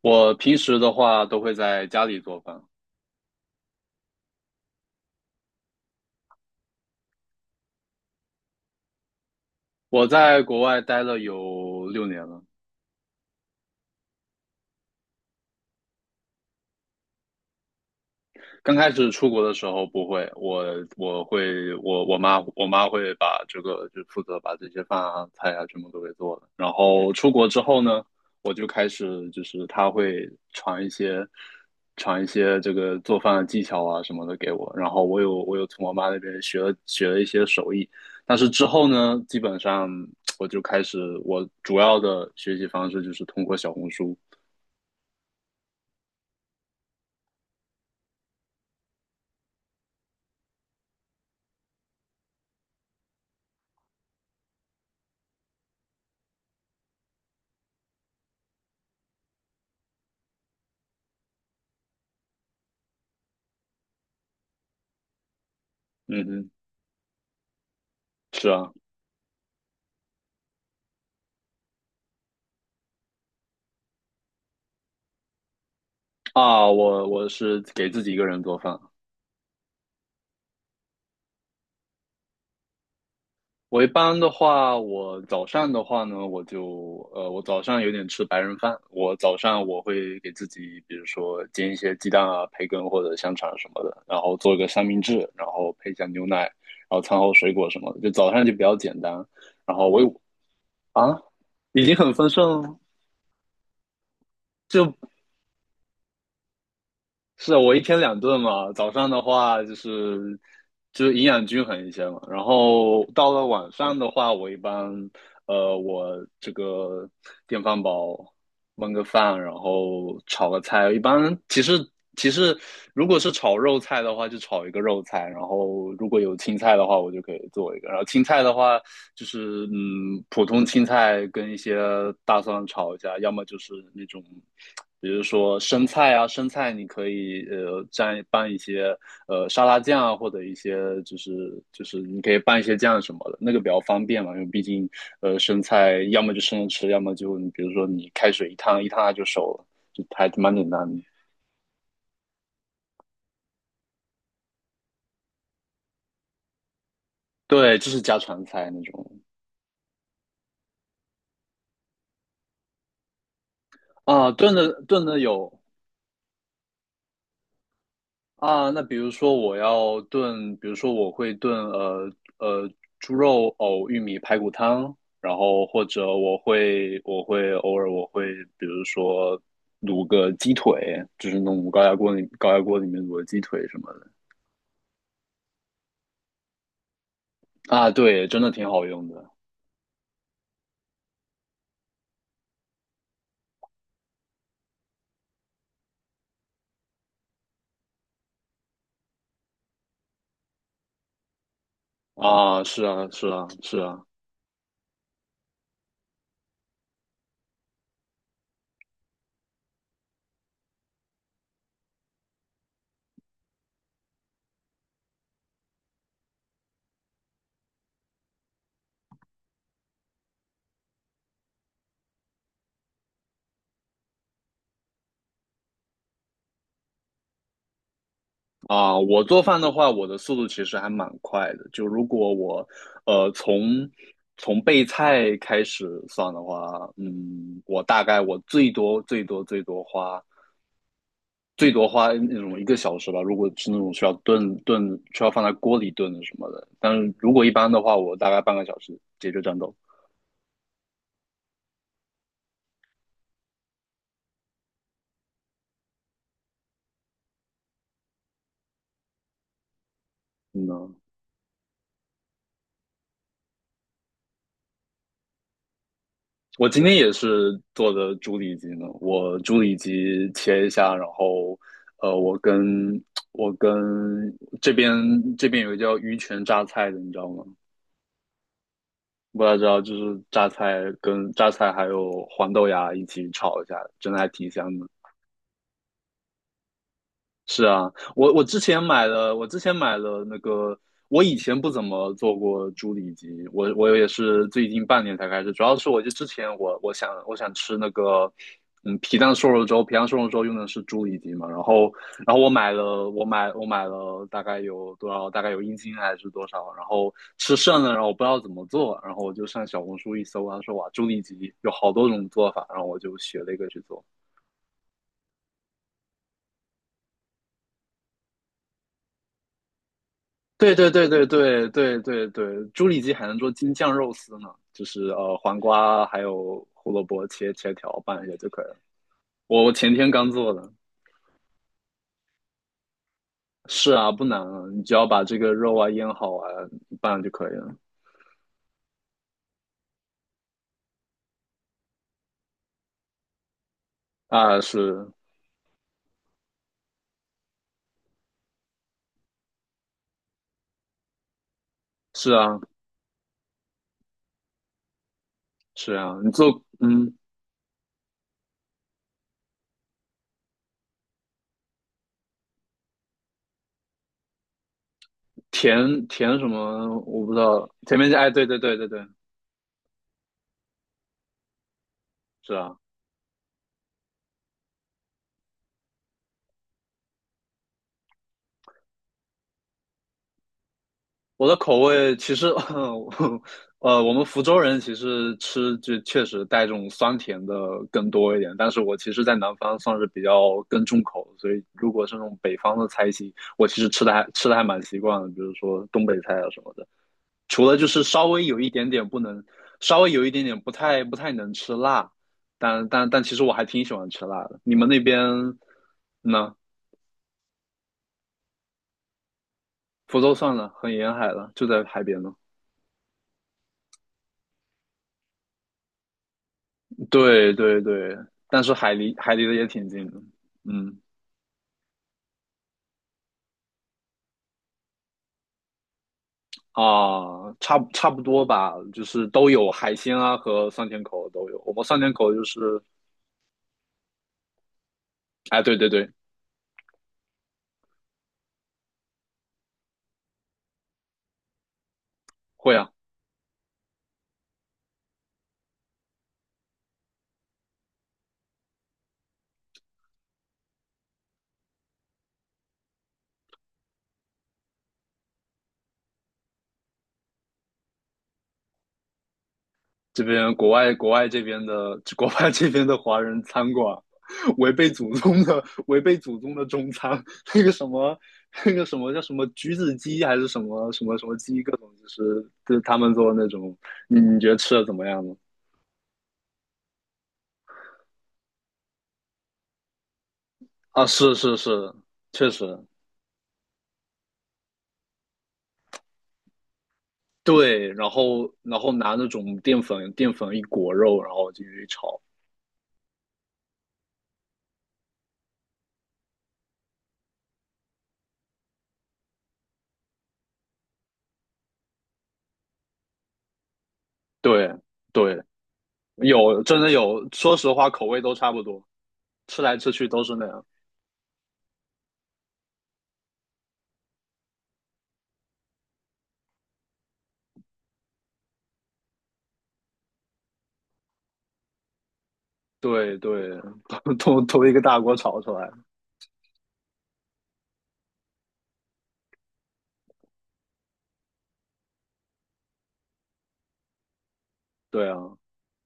我平时的话都会在家里做饭。我在国外待了有6年了，刚开始出国的时候不会，我妈会把这个就负责把这些饭啊菜啊全部都给做了。然后出国之后呢，我就开始就是她会传一些这个做饭的技巧啊什么的给我。然后我有从我妈那边学了一些手艺，但是之后呢，基本上我就开始我主要的学习方式就是通过小红书。嗯哼，是啊啊，我是给自己一个人做饭啊。我一般的话，我早上的话呢，我早上有点吃白人饭。我早上我会给自己，比如说煎一些鸡蛋啊、培根或者香肠什么的，然后做一个三明治，然后配一下牛奶，然后餐后水果什么的，就早上就比较简单。然后我有啊，已经很丰盛了，就是啊，我一天2顿嘛，早上的话就是营养均衡一些嘛，然后到了晚上的话，我一般我这个电饭煲焖个饭，然后炒个菜，一般其实如果是炒肉菜的话，就炒一个肉菜，然后如果有青菜的话，我就可以做一个，然后青菜的话就是普通青菜跟一些大蒜炒一下，要么就是那种。比如说生菜啊，生菜你可以蘸拌一些沙拉酱啊，或者一些就是你可以拌一些酱什么的，那个比较方便嘛，因为毕竟生菜要么就生着吃，要么就你比如说你开水一烫它就熟了，就还蛮简单的。对，就是家常菜那种啊，炖的有啊，那比如说我要炖，比如说我会炖呃猪肉藕玉米排骨汤，然后或者我会偶尔比如说卤个鸡腿，就是弄高压锅里面卤个鸡腿什么的。啊，对，真的挺好用的。啊，是啊，是啊，是啊。啊，我做饭的话，我的速度其实还蛮快的。就如果我，呃，从从备菜开始算的话，嗯，我大概最多花那种1个小时吧。如果是那种需要炖炖，需要放在锅里炖的什么的，但是如果一般的话，我大概半个小时解决战斗。嗯呢？我今天也是做的猪里脊呢，我猪里脊切一下，然后，我跟我跟这边这边有个叫鱼泉榨菜的，你知道吗？不太知道，就是榨菜跟榨菜还有黄豆芽一起炒一下，真的还挺香的。是啊，我之前买了那个，我以前不怎么做过猪里脊，我也是最近半年才开始，主要是我就之前我我想我想吃那个，嗯，皮蛋瘦肉粥，皮蛋瘦肉粥用的是猪里脊嘛，然后我买了大概有多少，大概有1斤还是多少，然后吃剩了，然后我不知道怎么做，然后我就上小红书一搜，他说哇，猪里脊有好多种做法，然后我就学了一个去做。对对对对对对对对，猪里脊还能做京酱肉丝呢，就是黄瓜还有胡萝卜切条拌一下就可以了。我前天刚做的，是啊，不难啊，你只要把这个肉啊腌好啊拌就可以了。啊，是是啊是啊，你做甜什么我不知道，甜面酱哎对对对对对，是啊，我的口味其实，我们福州人其实吃就确实带这种酸甜的更多一点，但是我其实，在南方算是比较更重口，所以如果是那种北方的菜系，我其实吃的还蛮习惯的，比如说东北菜啊什么的，除了就是稍微有一点点不能，稍微有一点点不太能吃辣，但其实我还挺喜欢吃辣的。你们那边呢？福州算了，很沿海了，就在海边呢。对对对，但是海离得也挺近的，嗯啊，差不多吧，就是都有海鲜啊和酸甜口都有。我们酸甜口就是，哎，对对对，会啊，这边国外这边的华人餐馆，违背祖宗的中餐，那个什么那个什么叫什么橘子鸡还是什么什么什么鸡，各种就是他们做的那种，你觉得吃的怎么样呢？啊，是是是，确实对，然后拿那种淀粉一裹肉，然后进去炒。对对，有真的有，说实话口味都差不多，吃来吃去都是那样。对对，都一个大锅炒出来。对啊，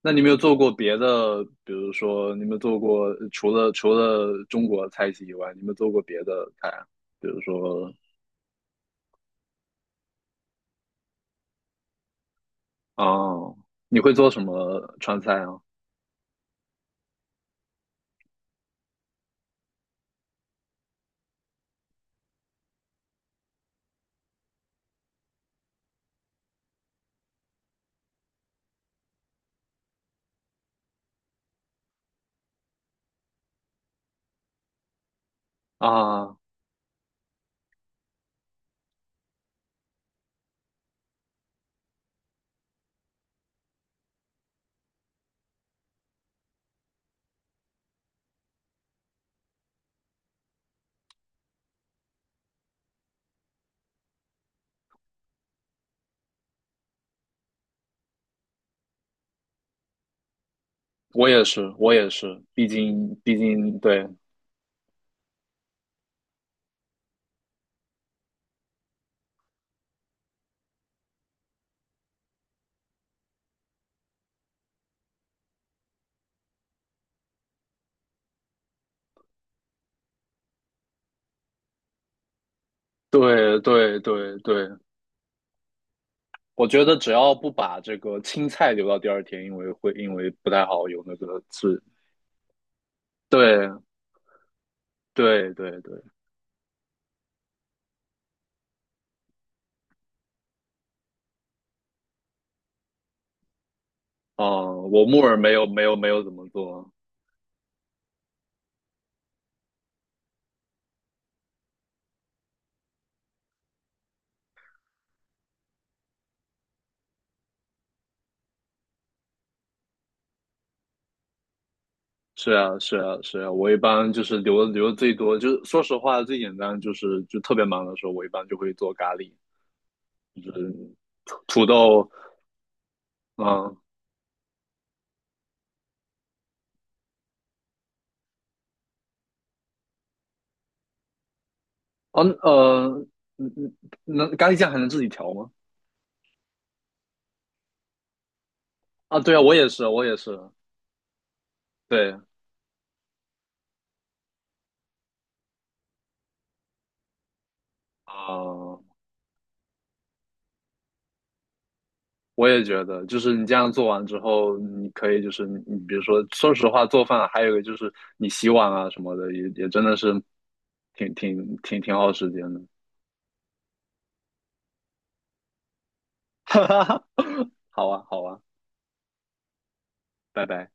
那你有没有做过别的？比如说，你有没有做过除了中国菜系以外，你有没有做过别的菜啊？比如说，啊，你会做什么川菜啊？啊，我也是，我也是，毕竟对对对对对，我觉得只要不把这个青菜留到第二天，因为不太好有那个刺。对对对对，哦、我木耳没有怎么做。是啊是啊是啊，我一般就是留的最多，就是说实话最简单就是就特别忙的时候，我一般就会做咖喱、土豆，嗯，哦呃，嗯嗯，那咖喱酱还能自己调吗？啊，对啊，我也是，对啊。我也觉得，就是你这样做完之后，你可以就是你，你比如说，说实话，做饭还有一个就是你洗碗啊什么的，也真的是挺耗时间的。哈哈哈，好啊，好啊，拜拜。